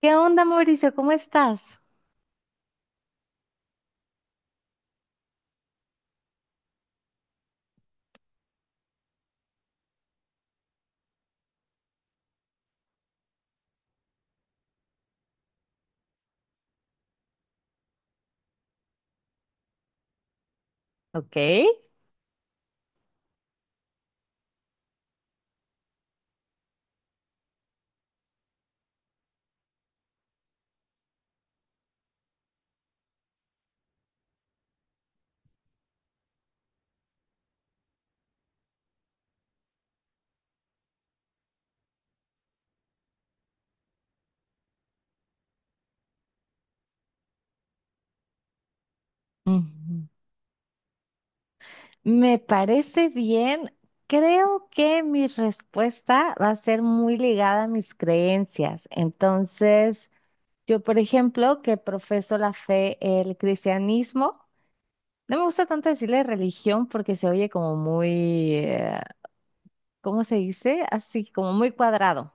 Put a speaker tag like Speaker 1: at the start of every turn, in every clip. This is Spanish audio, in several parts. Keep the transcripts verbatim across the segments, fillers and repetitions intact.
Speaker 1: ¿Qué onda, Mauricio? ¿Cómo estás? Ok. Ujú. Me parece bien. Creo que mi respuesta va a ser muy ligada a mis creencias. Entonces, yo, por ejemplo, que profeso la fe, el cristianismo, no me gusta tanto decirle religión porque se oye como muy, eh, ¿cómo se dice? Así, como muy cuadrado.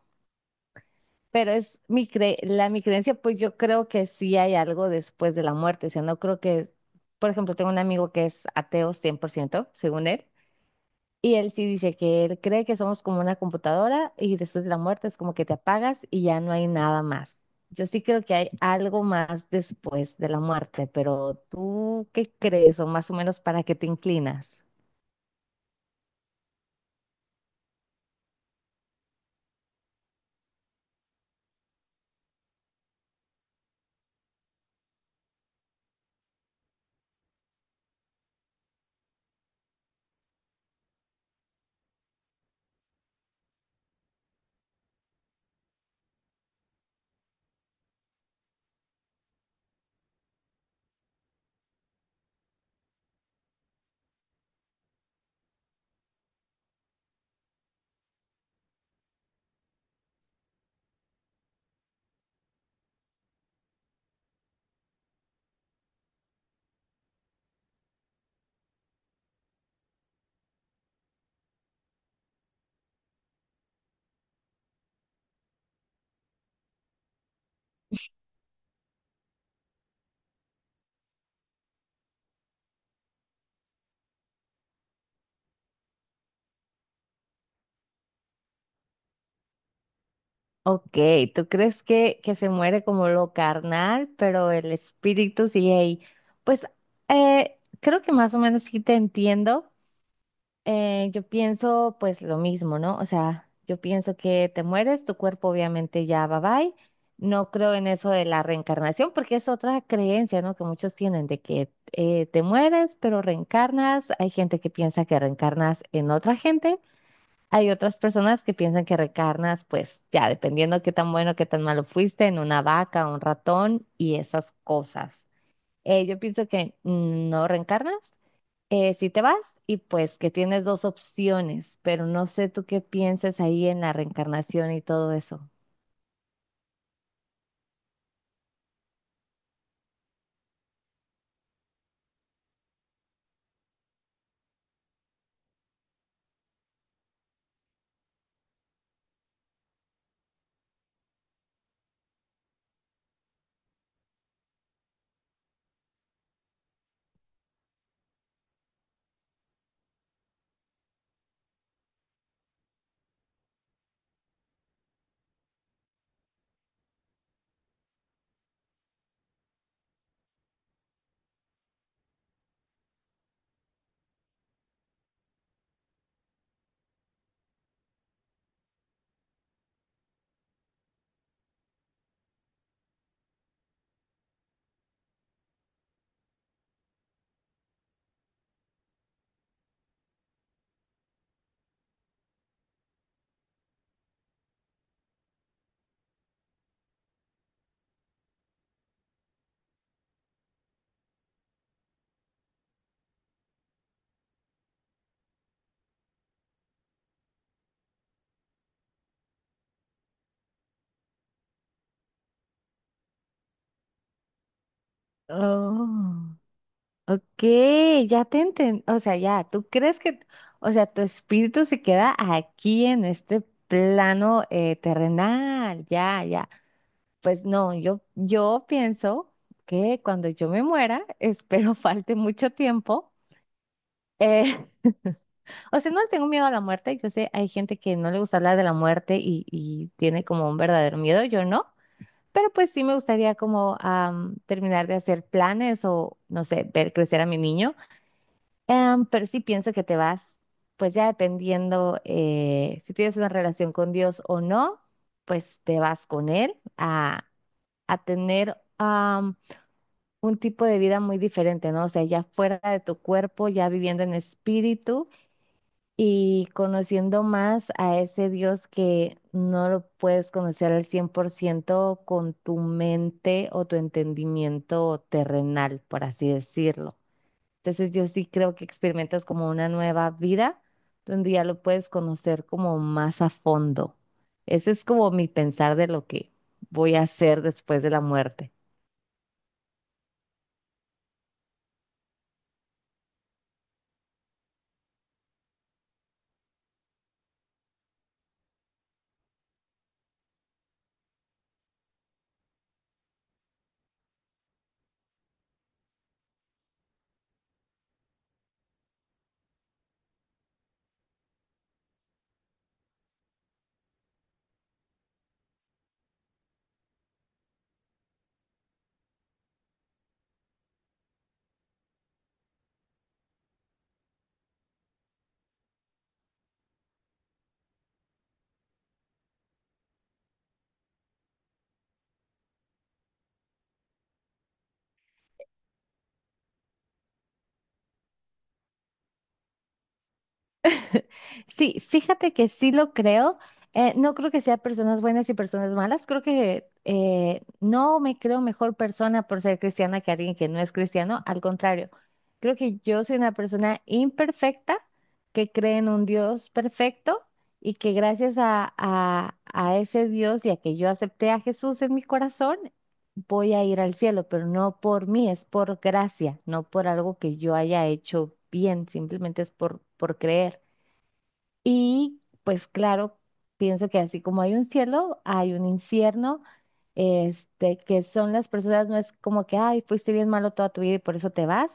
Speaker 1: Pero es mi cre la mi creencia, pues yo creo que sí hay algo después de la muerte, o sea, no creo que, por ejemplo, tengo un amigo que es ateo cien por ciento según él, y él sí dice que él cree que somos como una computadora y después de la muerte es como que te apagas y ya no hay nada más. Yo sí creo que hay algo más después de la muerte, pero ¿tú qué crees o más o menos para qué te inclinas? Ok, ¿tú crees que, que se muere como lo carnal, pero el espíritu sigue ahí? Pues eh, creo que más o menos sí te entiendo. Eh, yo pienso pues lo mismo, ¿no? O sea, yo pienso que te mueres, tu cuerpo obviamente ya va bye. No creo en eso de la reencarnación porque es otra creencia, ¿no? Que muchos tienen de que eh, te mueres, pero reencarnas. Hay gente que piensa que reencarnas en otra gente. Hay otras personas que piensan que reencarnas, pues ya dependiendo qué tan bueno, qué tan malo fuiste, en una vaca, un ratón y esas cosas. Eh, yo pienso que no reencarnas, eh, si te vas y pues que tienes dos opciones, pero no sé tú qué pienses ahí en la reencarnación y todo eso. Oh, ok, ya te enten, o sea, ya, tú crees que, o sea, tu espíritu se queda aquí en este plano eh, terrenal, ya, ya. Pues no, yo, yo pienso que cuando yo me muera, espero falte mucho tiempo. eh, o sea, no le tengo miedo a la muerte. Yo sé, hay gente que no le gusta hablar de la muerte y, y tiene como un verdadero miedo, yo no. Pero pues sí me gustaría como am, terminar de hacer planes o, no sé, ver crecer a mi niño. Em, pero sí pienso que te vas, pues ya dependiendo eh, si tienes una relación con Dios o no, pues te vas con él a, a tener un tipo de vida muy diferente, ¿no? O sea, ya fuera de tu cuerpo, ya viviendo en espíritu y conociendo más a ese Dios que no lo puedes conocer al cien por ciento con tu mente o tu entendimiento terrenal, por así decirlo. Entonces yo sí creo que experimentas como una nueva vida donde ya lo puedes conocer como más a fondo. Ese es como mi pensar de lo que voy a hacer después de la muerte. Sí, fíjate que sí lo creo. Eh, no creo que sea personas buenas y personas malas. Creo que eh, no me creo mejor persona por ser cristiana que alguien que no es cristiano. Al contrario, creo que yo soy una persona imperfecta que cree en un Dios perfecto y que gracias a, a, a ese Dios y a que yo acepté a Jesús en mi corazón, voy a ir al cielo, pero no por mí, es por gracia, no por algo que yo haya hecho bien, simplemente es por, por creer. Y pues claro, pienso que así como hay un cielo, hay un infierno, este, que son las personas, no es como que, ay, fuiste bien malo toda tu vida y por eso te vas.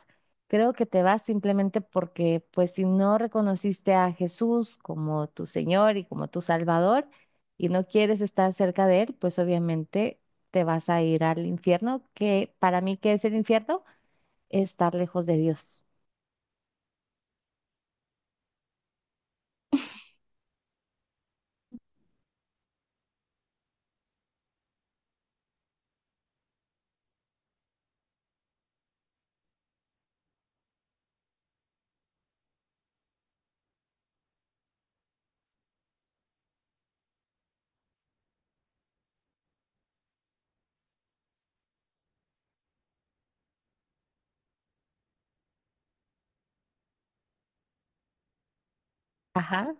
Speaker 1: Creo que te vas simplemente porque, pues si no reconociste a Jesús como tu Señor y como tu Salvador y no quieres estar cerca de Él, pues obviamente te vas a ir al infierno, que para mí, ¿qué es el infierno? Estar lejos de Dios. Ajá.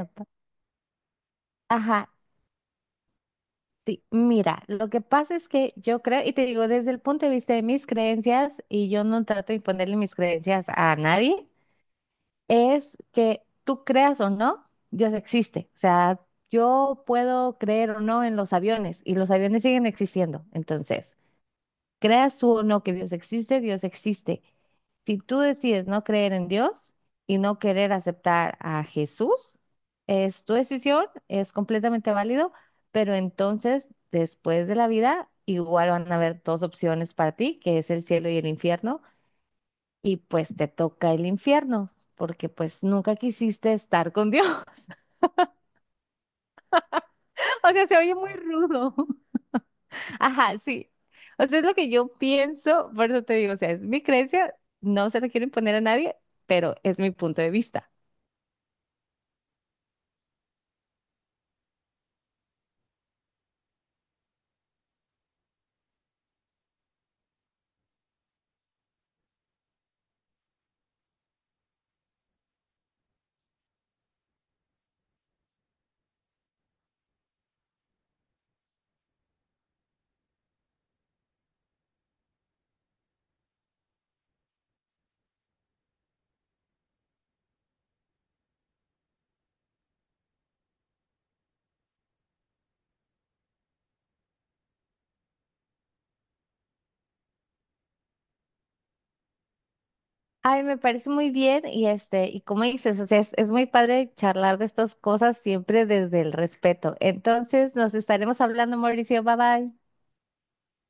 Speaker 1: Epa. Ajá, sí, mira, lo que pasa es que yo creo, y te digo, desde el punto de vista de mis creencias, y yo no trato de imponerle mis creencias a nadie, es que tú creas o no, Dios existe. O sea, yo puedo creer o no en los aviones, y los aviones siguen existiendo. Entonces, creas tú o no que Dios existe, Dios existe. Si tú decides no creer en Dios y no querer aceptar a Jesús, es tu decisión, es completamente válido, pero entonces después de la vida igual van a haber dos opciones para ti, que es el cielo y el infierno, y pues te toca el infierno, porque pues nunca quisiste estar con Dios. O sea, se oye muy rudo. Ajá, sí. O sea, es lo que yo pienso, por eso te digo, o sea, es mi creencia, no se la quiero imponer a nadie, pero es mi punto de vista. Ay, me parece muy bien y este, y como dices, o sea, es, es muy padre charlar de estas cosas siempre desde el respeto. Entonces, nos estaremos hablando, Mauricio, bye bye.